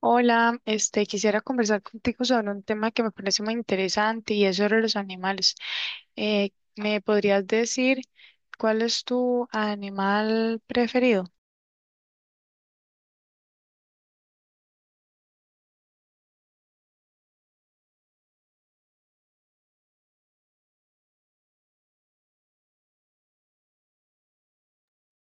Hola, este, quisiera conversar contigo sobre un tema que me parece muy interesante y es sobre los animales. Eh, ¿Me podrías decir cuál es tu animal preferido?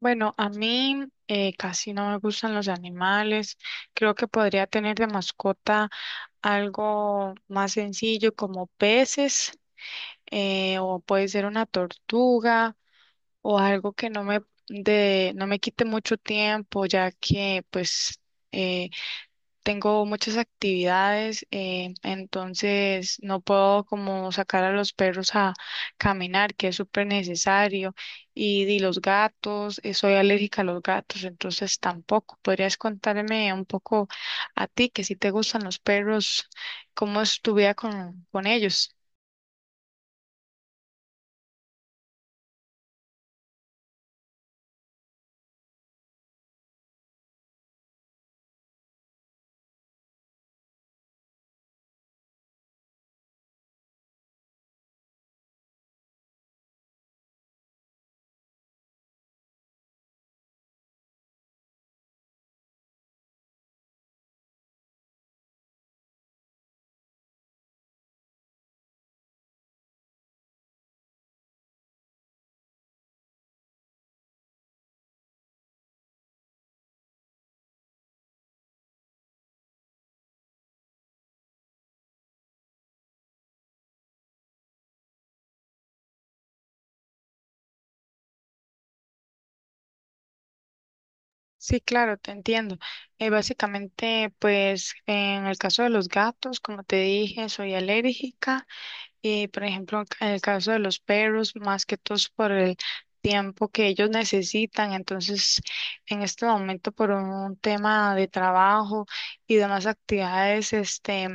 Bueno, a mí casi no me gustan los animales. Creo que podría tener de mascota algo más sencillo como peces, o puede ser una tortuga o algo que no no me quite mucho tiempo ya que pues... eh, tengo muchas actividades, entonces no puedo como sacar a los perros a caminar, que es súper necesario, di los gatos, soy alérgica a los gatos, entonces tampoco. ¿Podrías contarme un poco a ti, que si te gustan los perros, cómo es tu vida con ellos? Sí, claro, te entiendo. Básicamente, pues en el caso de los gatos, como te dije, soy alérgica. Y por ejemplo, en el caso de los perros, más que todos por el tiempo que ellos necesitan, entonces en este momento por un tema de trabajo y demás actividades, este,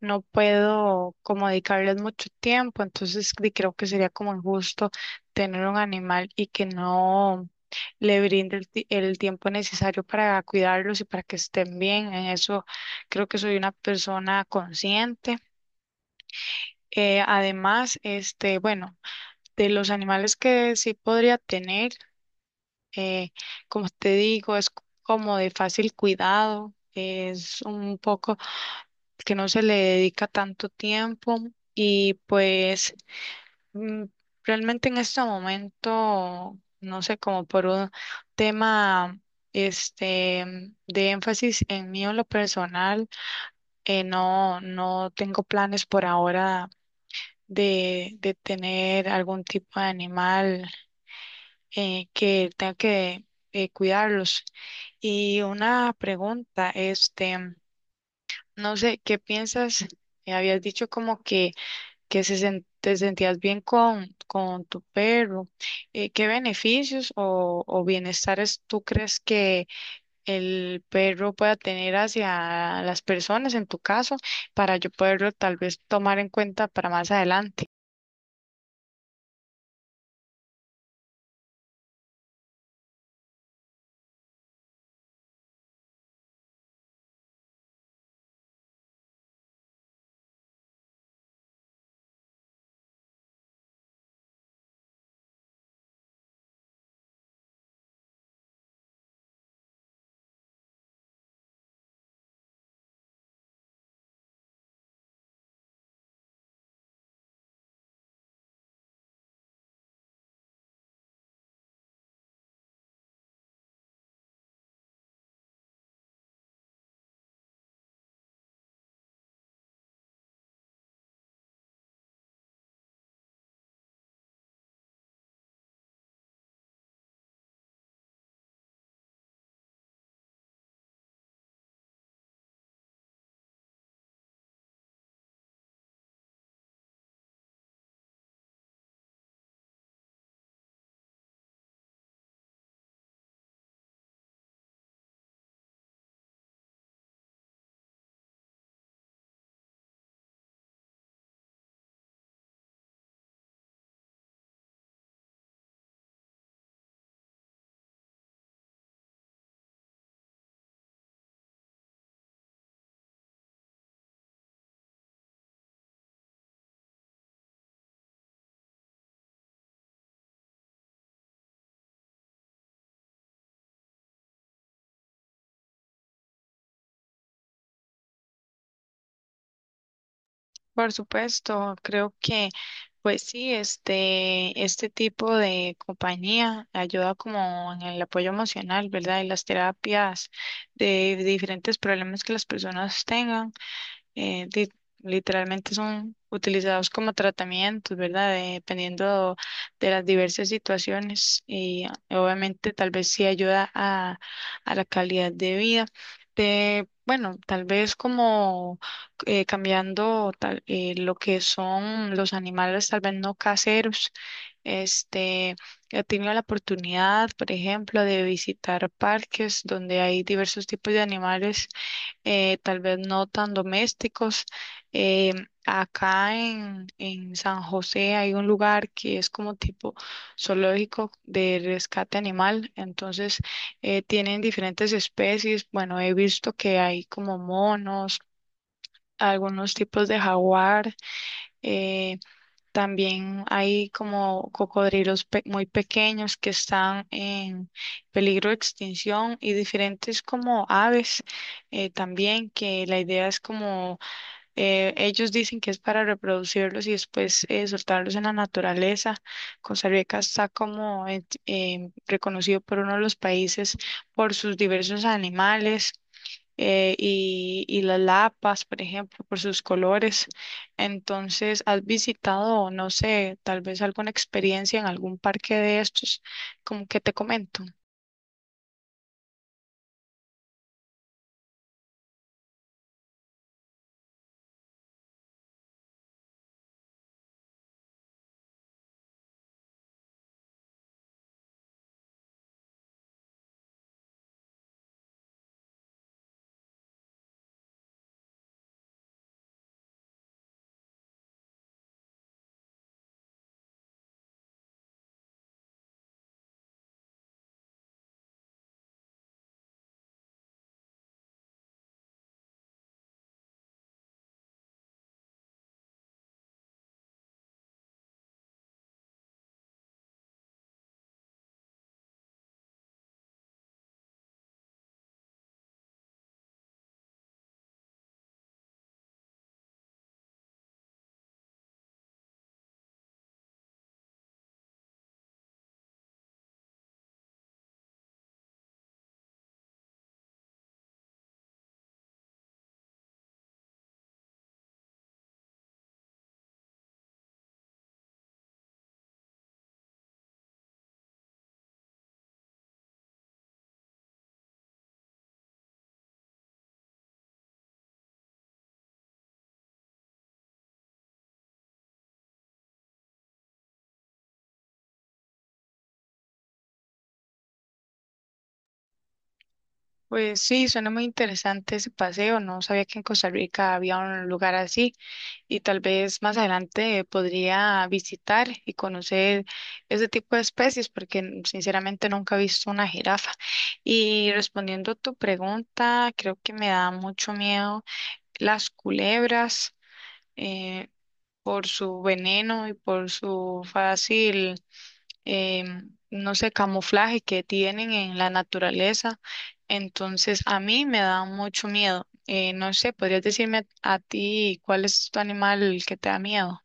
no puedo como dedicarles mucho tiempo, entonces creo que sería como injusto tener un animal y que no le brinde el tiempo necesario para cuidarlos y para que estén bien. En eso creo que soy una persona consciente. Además, este, bueno, de los animales que sí podría tener, eh, como te digo, es como de fácil cuidado, es un poco que no se le dedica tanto tiempo y pues mm, realmente en este momento, no sé, como por un tema este de énfasis en mí o en lo personal, no tengo planes por ahora de tener algún tipo de animal que tenga que cuidarlos. Y una pregunta, este, no sé, ¿qué piensas? Habías dicho como que te sentías bien con tu perro. ¿Qué beneficios o bienestares tú crees que el perro pueda tener hacia las personas, en tu caso, para yo poderlo tal vez tomar en cuenta para más adelante? Por supuesto, creo que pues sí, este tipo de compañía ayuda como en el apoyo emocional, ¿verdad? Y las terapias de diferentes problemas que las personas tengan eh, di- literalmente son utilizados como tratamientos, ¿verdad? Dependiendo de las diversas situaciones y obviamente tal vez sí ayuda a la calidad de vida. Bueno, tal vez como cambiando lo que son los animales, tal vez no caseros. Este, he tenido la oportunidad, por ejemplo, de visitar parques donde hay diversos tipos de animales, tal vez no tan domésticos. Eh, Acá en San José hay un lugar que es como tipo zoológico de rescate animal, entonces tienen diferentes especies. Bueno, he visto que hay como monos, algunos tipos de jaguar. eh, También hay como cocodrilos muy pequeños que están en peligro de extinción y diferentes como aves también, que la idea es como ellos dicen que es para reproducirlos y después soltarlos en la naturaleza. Costa Rica está como reconocido por uno de los países por sus diversos animales, y las lapas, por ejemplo, por sus colores. Entonces, ¿has visitado, no sé, tal vez alguna experiencia en algún parque de estos, como que te comento? Pues sí, suena muy interesante ese paseo. No sabía que en Costa Rica había un lugar así y tal vez más adelante podría visitar y conocer ese tipo de especies, porque sinceramente nunca he visto una jirafa. Y respondiendo a tu pregunta, creo que me da mucho miedo las culebras, eh, por su veneno y por su fácil, no sé, camuflaje que tienen en la naturaleza. Entonces, a mí me da mucho miedo. No sé, ¿podrías decirme a ti cuál es tu animal que te da miedo?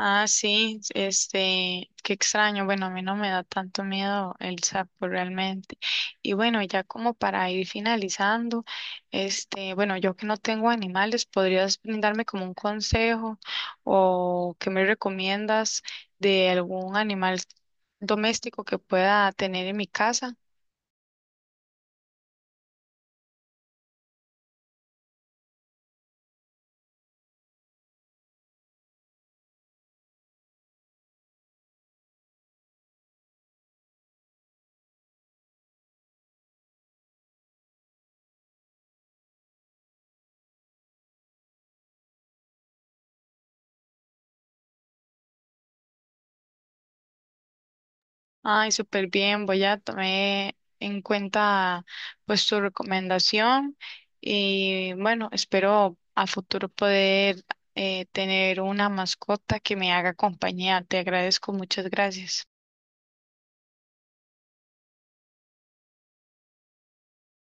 Ah, sí, este, qué extraño. Bueno, a mí no me da tanto miedo el sapo realmente. Y bueno, ya como para ir finalizando, este, bueno, yo que no tengo animales, ¿podrías brindarme como un consejo o qué me recomiendas de algún animal doméstico que pueda tener en mi casa? Ay, súper bien, voy a tomar en cuenta pues tu recomendación y bueno, espero a futuro poder tener una mascota que me haga compañía. Te agradezco, muchas gracias.